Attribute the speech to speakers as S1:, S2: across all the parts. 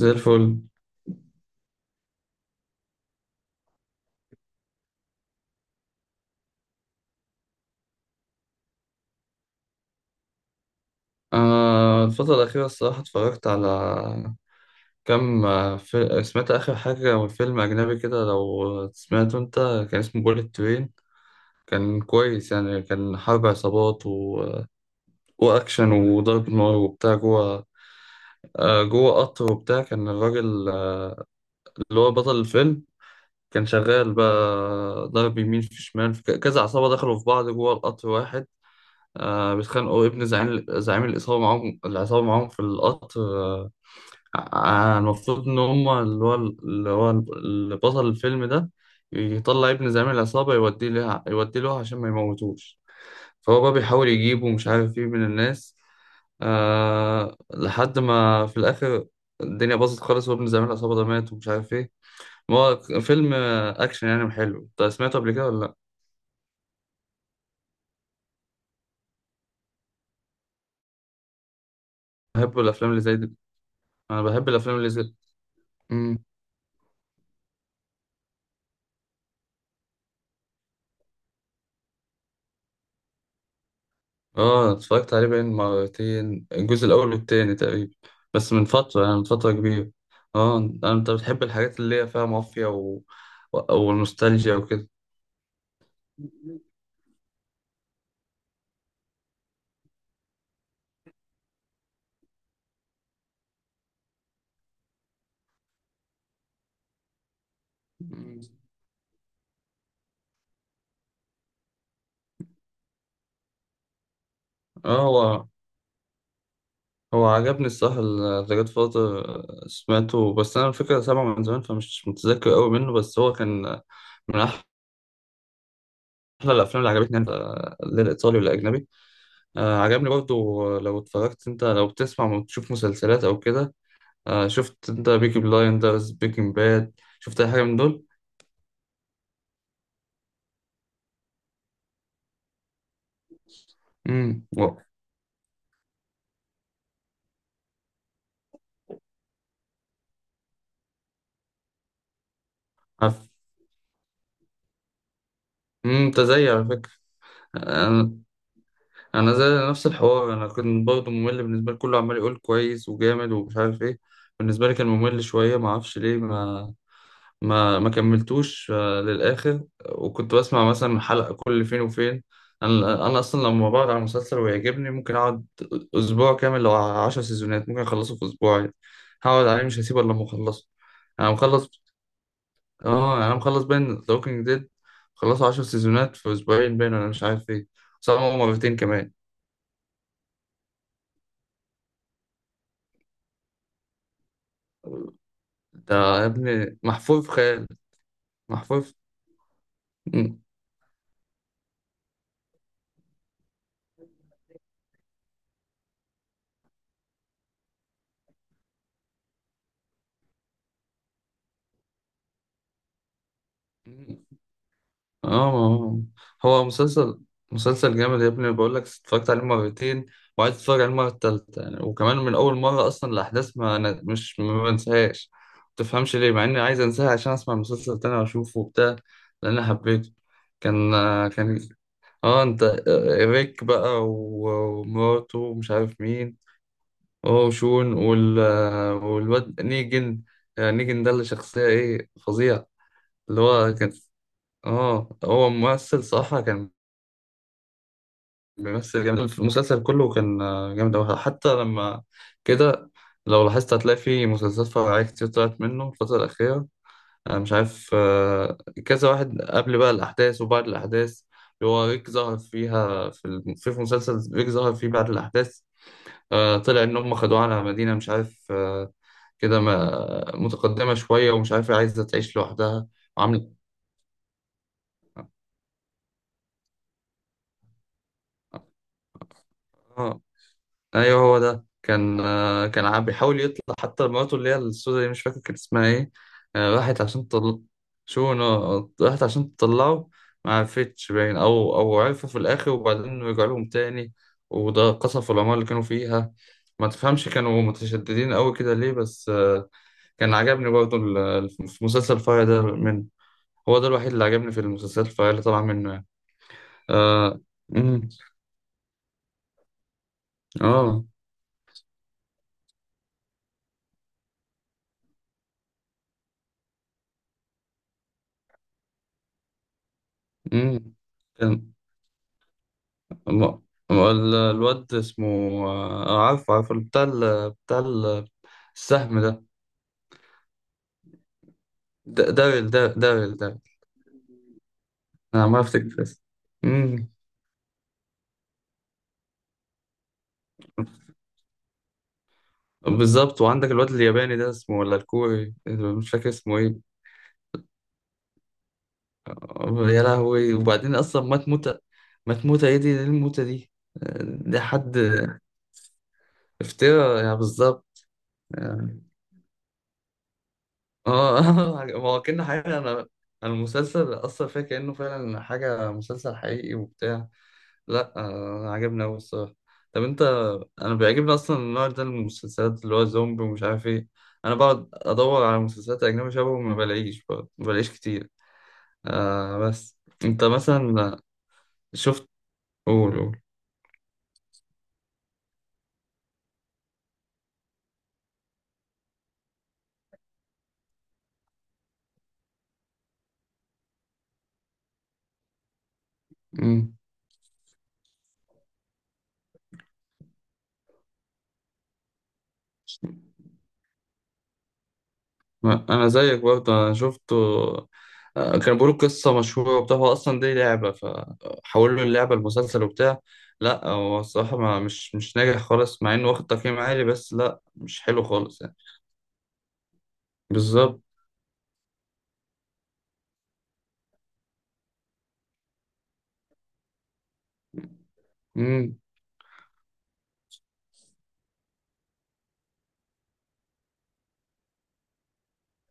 S1: زي الفل. الفترة الأخيرة الصراحة اتفرجت على كم، سمعت آخر حاجة، فيلم أجنبي كده، لو سمعته أنت. كان اسمه بوليت ترين. كان كويس يعني، كان حرب عصابات وأكشن وضرب نار وبتاع جوه. جوه قطر وبتاع، كان الراجل اللي هو بطل الفيلم كان شغال بقى. ضرب يمين في شمال في كذا عصابة دخلوا في بعض جوه القطر واحد. بيتخانقوا، ابن زعيم العصابة معاهم في القطر المفروض إن هما اللي بطل الفيلم ده يطلع ابن زعيم العصابة، يوديه له عشان ما يموتوش. فهو بقى بيحاول يجيبه، مش عارف ايه، من الناس. لحد ما في الآخر الدنيا باظت خالص، وابن زعيم العصابة ده مات، ومش عارف ايه. ما هو فيلم أكشن يعني، حلو. انت سمعته قبل كده ولا لأ؟ بحب الأفلام اللي زي دي. أنا بحب الأفلام اللي زي دي. اه اتفرجت عليه بين مرتين، الجزء الاول والتاني تقريبا. بس من فتره، يعني من فتره كبيره. اه، انت بتحب الحاجات اللي هي فيها مافيا والنوستالجيا وكده. مم. اه، هو عجبني الصح. ذا جاد فاذر. سمعته، بس انا الفكره سامعه من زمان، فمش متذكر قوي منه، بس هو كان من احلى الافلام اللي عجبتني انا، لا الايطالي ولا اجنبي. عجبني برضو. لو اتفرجت انت، لو بتسمع وتشوف مسلسلات او كده، شفت انت بيكي بلايندرز، بيكنج باد؟ شفت اي حاجه من دول؟ امم. انت زيي على فكره. انا انا زي نفس الحوار، انا كنت برضه ممل بالنسبه لي، كله عمال يقول كويس وجامد ومش عارف ايه. بالنسبه لي كان ممل شويه، ما اعرفش ليه، ما كملتوش للاخر. وكنت بسمع مثلا حلقه كل فين وفين. انا اصلا لما بقعد على مسلسل ويعجبني ممكن اقعد اسبوع كامل، لو 10 سيزونات ممكن اخلصه في اسبوع عادي. هقعد عليه، مش هسيبه الا لما اخلصه. انا مخلص. اه، انا مخلص باين ذا ووكينج ديد، خلصوا 10 سيزونات في اسبوعين باين، ولا مش عارف ايه. صاروا مرتين كمان. ده يا ابني محفور في خيال. محفور في... مم. اه، آه. هو مسلسل جامد يا ابني، بقول لك اتفرجت عليه مرتين، وعايز اتفرج عليه المره التالتة يعني. وكمان من اول مره، اصلا الاحداث، ما أنا مش ما بنساهاش. ما تفهمش ليه، مع اني عايز انساها عشان اسمع المسلسل تاني واشوفه وبتاع، لان أنا حبيته. كان كان اه انت، ريك بقى ومراته ومش عارف مين. هو وشون والواد نيجن. نيجن ده، اللي شخصية ايه فظيع. اللي هو كان. اه هو ممثل صراحة، كان بيمثل جامد في المسلسل كله، كان جامد أوي، حتى لما كده لو لاحظت هتلاقي في مسلسلات فرعية كتير طلعت منه الفترة الأخيرة. انا مش عارف كذا واحد، قبل بقى الاحداث وبعد الاحداث، اللي هو ريك ظهر فيها في في مسلسل، ريك ظهر فيه بعد الاحداث. طلع ان هم خدوه على مدينه مش عارف كده، متقدمه شويه، ومش عارف، عايزه تعيش لوحدها وعامله. ايوه، هو ده كان كان عم بيحاول يطلع، حتى مراته اللي هي السودا دي، مش فاكر كان اسمها ايه. راحت عشان تطل، راحت عشان تطلعه، ما عرفتش باين، او عرفوا في الاخر، وبعدين رجعوا لهم تاني، وده قصفوا العمارة اللي كانوا فيها. ما تفهمش كانوا متشددين قوي كده ليه، بس كان عجبني برضه، في مسلسل الفرع ده، من هو ده الوحيد اللي عجبني في المسلسلات الفرعية اللي طبعا منه يعني. اه. امم. اه. امم. ما- ما ال- الواد اسمه عارفه بتاع السهم ده. د- داريل دا- داريل داريل. انا ما افتكر اسمه. أمم، بالظبط، وعندك الواد الياباني ده اسمه ولا الكوري، اللي مش فاكر اسمه ايه. يا لهوي، وبعدين اصلا مات موتة. مات موتة ايه دي، ايه الموتة دي؟ ده حد افترا يعني، بالظبط. يعني اه ما هو كأنه حاجة انا. أنا المسلسل اصلا فيها كأنه فعلا حاجة، مسلسل حقيقي وبتاع. لا عجبني أوي الصراحة. طب أنت. أنا بيعجبني أصلا النوع ده من المسلسلات اللي هو زومبي ومش عارف إيه. أنا بقعد أدور على مسلسلات أجنبي شبهه، ما بلاقيش برضه، ما بلاقيش كتير. بس. أنت مثلا شفت؟ قول، قول. مم. أنا زيك برضه، أنا شفته. كانوا بيقولوا قصة مشهورة وبتاع، هو أصلا دي لعبة، فحولوا اللعبة لمسلسل وبتاع. لا هو الصراحة، ما مش مش ناجح خالص، مع إنه واخد تقييم عالي، بس لا، مش حلو خالص يعني. بالظبط. مم.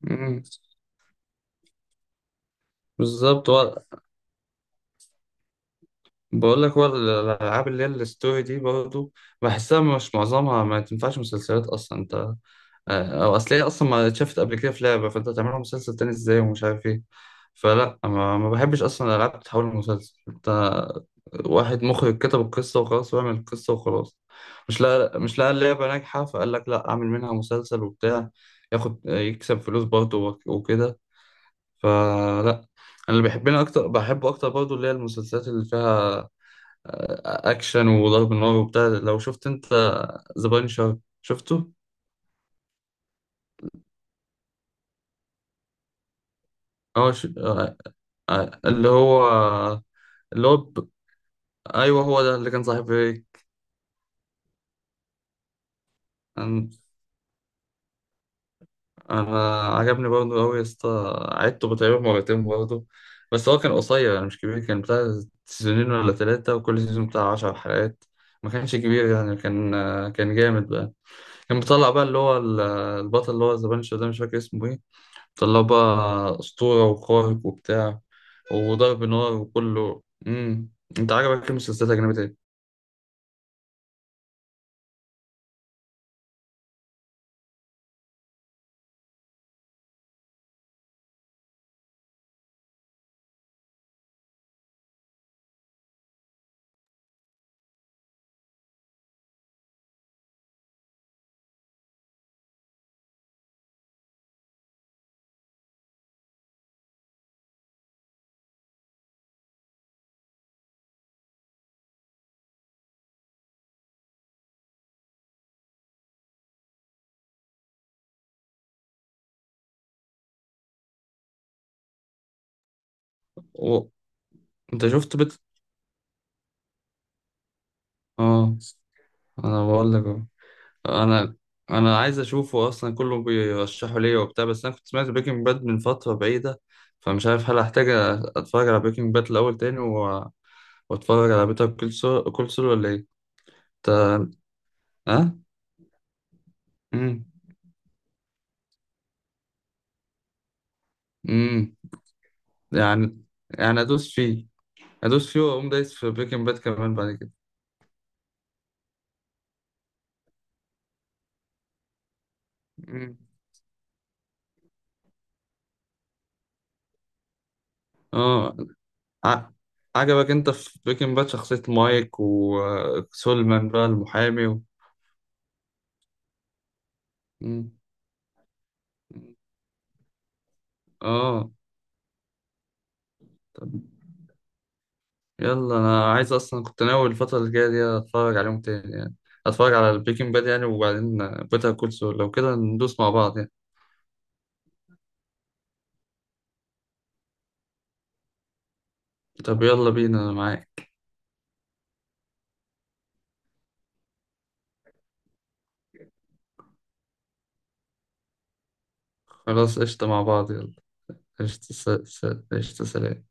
S1: مم. بالظبط، هو بقول لك، هو الالعاب اللي هي الستوري دي برضه، بحسها مش معظمها، ما تنفعش مسلسلات اصلا انت. او اصل هي اصلا ما اتشافت قبل كده في لعبه، فانت هتعملها مسلسل تاني ازاي ومش عارف ايه. فلا، ما بحبش اصلا الالعاب تتحول لمسلسل انت. واحد مخرج كتب القصه وخلاص، وعمل القصه وخلاص، مش، لا، مش لقى اللعبه ناجحه فقال لك لا اعمل منها مسلسل وبتاع، ياخد يكسب فلوس برضه وكده. فلا. انا اللي بحبني اكتر، بحبه اكتر برضه، اللي هي المسلسلات اللي فيها اكشن وضرب نار وبتاع. لو شفت انت، ذا بانشر شفته؟ اه ش... آه، آه، اللي هو، اللي هو ب... ايوه هو ده اللي كان صاحب ريك. انا أنا عجبني برضه قوي يا اسطى، عدته تقريبا مرتين برضه، بس هو كان قصير يعني، مش كبير، كان بتاع سنين ولا ثلاثة، وكل سيزون بتاع عشر حلقات، ما كانش كبير يعني، كان كان جامد بقى. كان بيطلع بقى البطل اللي هو زبانشو ده، مش فاكر اسمه ايه، طلع بقى أسطورة وخارق وبتاع وضرب نار وكله. انت عجبك إيه المسلسلات الأجنبية ايه؟ و... انت شفت اه، انا بقول لك اهو. انا انا عايز اشوفه اصلا، كله بيرشحه ليا وبتاع، بس انا كنت سمعت بريكنج باد من فترة بعيدة، فمش عارف هل هحتاج اتفرج على بريكنج باد الاول تاني واتفرج على بيتر كول سول ولا ايه؟ انت- ها؟ امم. يعني يعني ادوس فيه واقوم دايس في بريكنج باد كمان بعد كده. مم. اه. ع- عجبك انت في بريكنج باد شخصية مايك وسولمان بقى المحامي مم. مم. اه. طب يلا، انا عايز، اصلا كنت ناوي الفترة الجاية دي اتفرج عليهم تاني يعني، اتفرج على البريكنج باد يعني، وبعدين بيتر كول سول، لو كده ندوس مع بعض يعني. طب يلا بينا، انا معاك. خلاص، قشطة، مع بعض، يلا. قشطة، قشطة، سلام.